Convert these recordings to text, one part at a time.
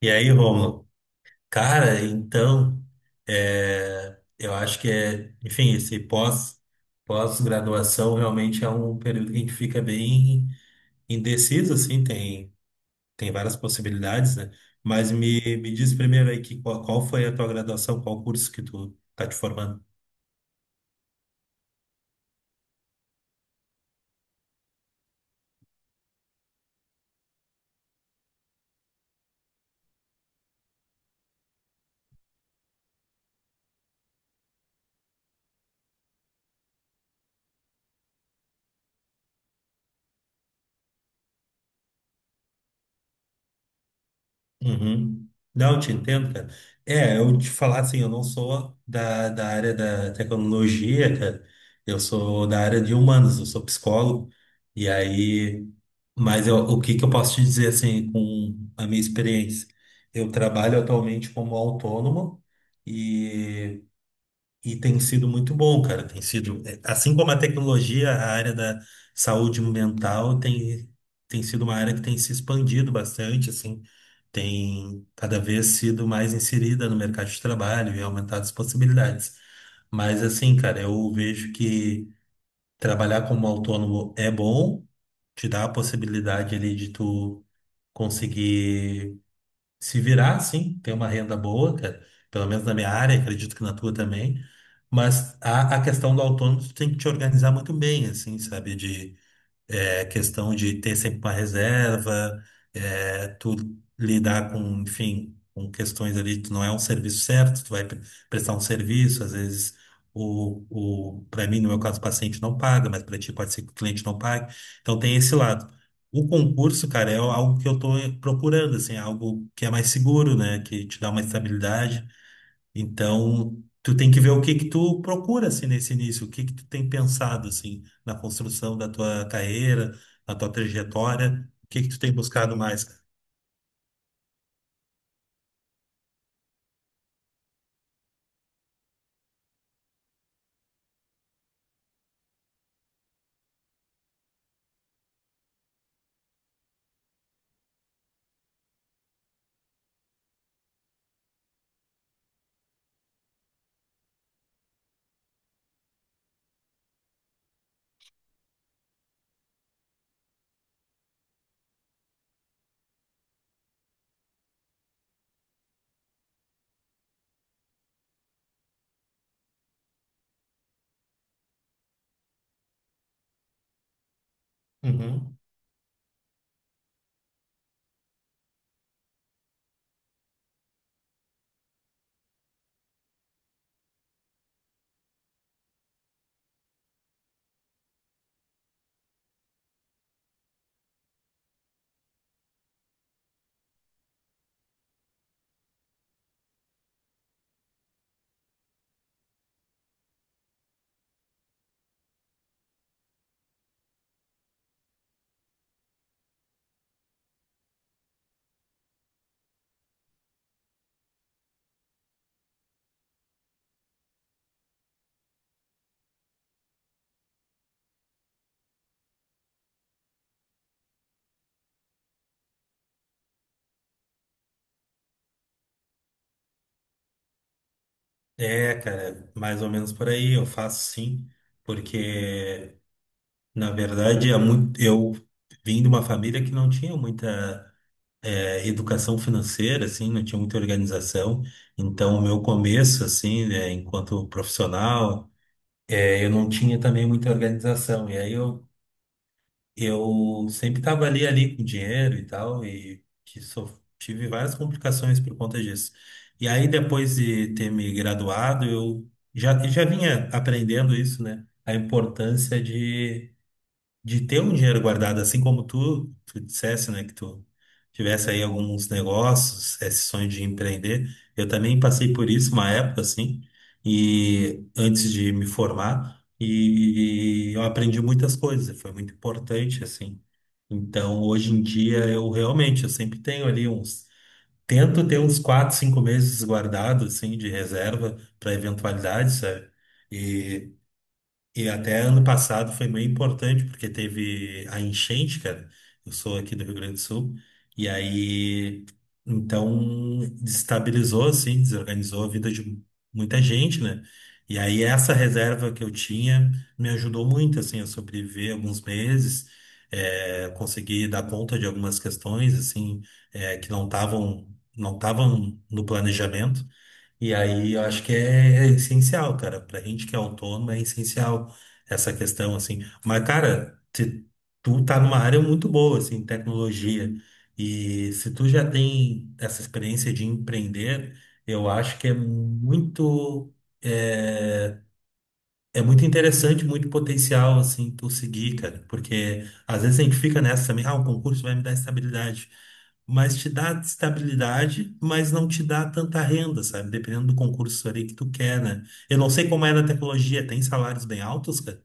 E aí, Rômulo? Cara, então, eu acho que esse pós-graduação realmente é um período que a gente fica bem indeciso, assim, tem várias possibilidades, né? Mas me diz primeiro aí qual foi a tua graduação, qual curso que tu tá te formando? Uhum. Não, eu te entendo, cara. É, eu te falar assim, eu não sou da área da tecnologia, cara. Eu sou da área de humanos, eu sou psicólogo. E aí, o que que eu posso te dizer assim, com a minha experiência? Eu trabalho atualmente como autônomo e tem sido muito bom, cara. Tem sido, é, assim como a tecnologia, a área da saúde mental tem sido uma área que tem se expandido bastante, assim, tem cada vez sido mais inserida no mercado de trabalho e aumentado as possibilidades. Mas, assim, cara, eu vejo que trabalhar como autônomo é bom, te dá a possibilidade ali de tu conseguir se virar, sim, ter uma renda boa, cara. Pelo menos na minha área, acredito que na tua também. Mas a questão do autônomo, tu tem que te organizar muito bem, assim, sabe? De questão de ter sempre uma reserva, tu lidar com, enfim, com questões ali, tu não é um serviço certo, prestar um serviço, às vezes para mim, no meu caso, o paciente não paga, mas para ti pode ser que o cliente não pague. Então tem esse lado. O concurso, cara, é algo que eu tô procurando, assim, algo que é mais seguro, né? Que te dá uma estabilidade. Então, tu tem que ver o que que tu procura assim nesse início, o que que tu tem pensado assim na construção da tua carreira, na tua trajetória, o que que tu tem buscado mais, cara? Uhum. É, cara, mais ou menos por aí, eu faço sim, porque na verdade é muito, eu vim de uma família que não tinha muita educação financeira, assim, não tinha muita organização, então o meu começo, assim, né, enquanto profissional, é, eu não tinha também muita organização, e aí eu sempre estava ali com dinheiro e tal, tive várias complicações por conta disso. E aí, depois de ter me graduado, já vinha aprendendo isso, né? A importância de ter um dinheiro guardado, assim como tu dissesse, né, que tu tivesse aí alguns negócios, esse sonho de empreender. Eu também passei por isso uma época, assim, e antes de me formar, e eu aprendi muitas coisas, foi muito importante, assim. Então, hoje em dia, eu realmente, eu sempre tenho ali uns, tento ter uns 4, 5 meses guardados, assim, de reserva para eventualidades, sabe? E até ano passado foi meio importante, porque teve a enchente, cara. Eu sou aqui do Rio Grande do Sul. E aí, então, destabilizou, assim, desorganizou a vida de muita gente, né? E aí, essa reserva que eu tinha me ajudou muito, assim, a sobreviver alguns meses, conseguir dar conta de algumas questões, assim, que não estavam no planejamento. E aí eu acho que é essencial, cara. Pra gente que é autônomo, é essencial essa questão, assim. Mas, cara, se tu tá numa área muito boa, assim, tecnologia. E se tu já tem essa experiência de empreender, eu acho que é muito. Eh, é muito interessante, muito potencial, assim, tu seguir, cara, porque às vezes a gente fica nessa também, ah, o concurso vai me dar estabilidade, mas te dá estabilidade, mas não te dá tanta renda, sabe? Dependendo do concurso ali que tu quer, né? Eu não sei como é na tecnologia, tem salários bem altos, cara?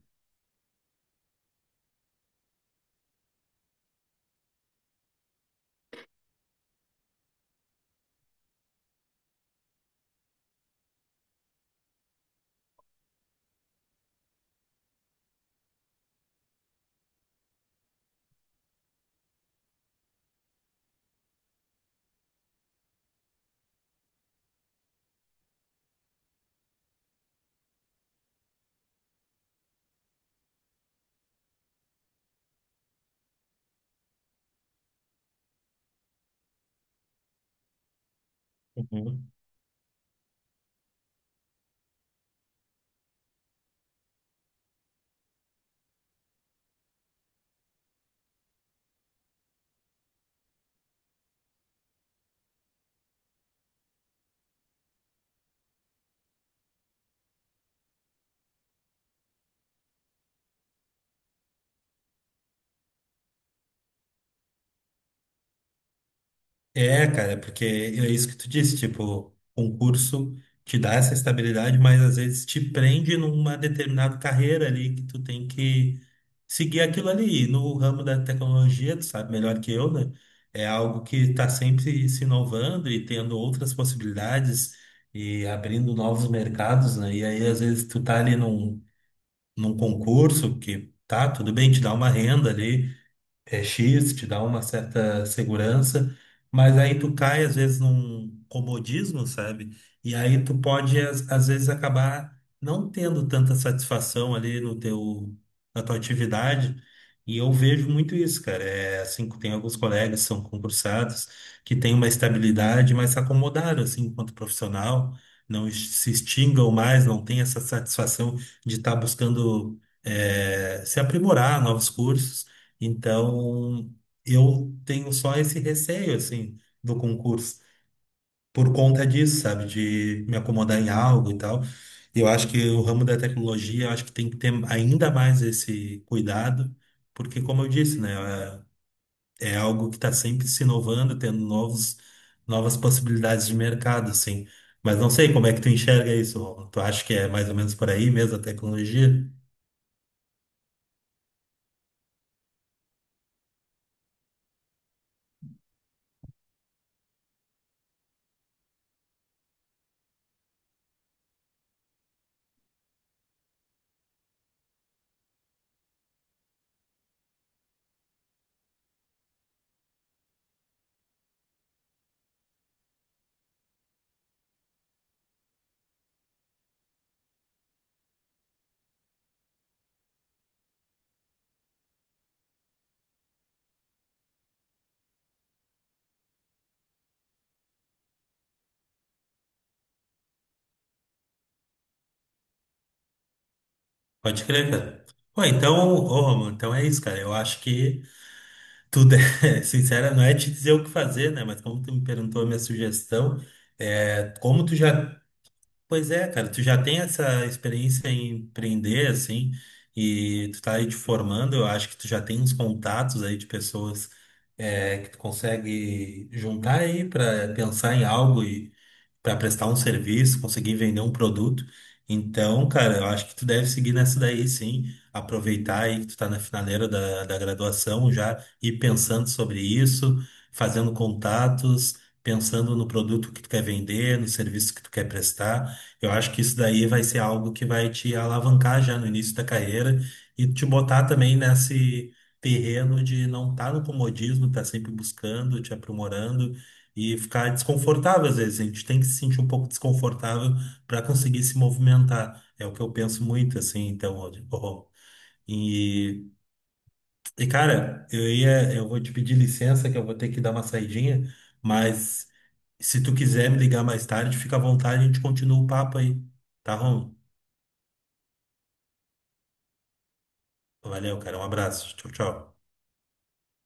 Uhum. É, cara, porque é isso que tu disse, tipo, concurso te dá essa estabilidade, mas às vezes te prende numa determinada carreira ali que tu tem que seguir aquilo ali. E no ramo da tecnologia, tu sabe melhor que eu, né? É algo que tá sempre se inovando e tendo outras possibilidades e abrindo novos mercados, né? E aí às vezes tu tá ali num concurso que tá, tudo bem, te dá uma renda ali é X, te dá uma certa segurança, mas aí tu cai às vezes num comodismo, sabe? E aí tu pode às vezes acabar não tendo tanta satisfação ali no teu na tua atividade. E eu vejo muito isso, cara. É assim, tem alguns colegas que são concursados que têm uma estabilidade, mas se acomodaram assim enquanto profissional, se extingam mais, não tem essa satisfação de estar buscando se aprimorar novos cursos. Então, eu tenho só esse receio, assim, do concurso, por conta disso, sabe, de me acomodar em algo e tal. Eu acho que o ramo da tecnologia, eu acho que tem que ter ainda mais esse cuidado, porque, como eu disse, né, é é algo que está sempre se inovando, tendo novas possibilidades de mercado, assim. Mas não sei como é que tu enxerga isso, Romulo. Tu acha que é mais ou menos por aí mesmo a tecnologia? Pode crer, cara. Pô, então, ô, Romulo, então é isso, cara. Eu acho que Tudo é, sincera, não é te dizer o que fazer, né? Mas como tu me perguntou a minha sugestão, é, como tu já, pois é, cara, tu já tem essa experiência em empreender, assim, e tu tá aí te formando, eu acho que tu já tem uns contatos aí de pessoas que tu consegue juntar aí para pensar em algo para prestar um serviço, conseguir vender um produto. Então, cara, eu acho que tu deve seguir nessa daí, sim. Aproveitar aí que tu tá na finaleira da graduação já, ir pensando sobre isso, fazendo contatos, pensando no produto que tu quer vender, no serviço que tu quer prestar. Eu acho que isso daí vai ser algo que vai te alavancar já no início da carreira e te botar também nesse terreno de não estar no comodismo, estar sempre buscando, te aprimorando e ficar desconfortável às vezes. A gente tem que se sentir um pouco desconfortável para conseguir se movimentar. É o que eu penso muito, assim, então, ó, ó. E, e cara, eu vou te pedir licença que eu vou ter que dar uma saidinha, mas se tu quiser me ligar mais tarde, fica à vontade, a gente continua o papo aí, tá, Ron? Valeu, cara, um abraço. Tchau, tchau.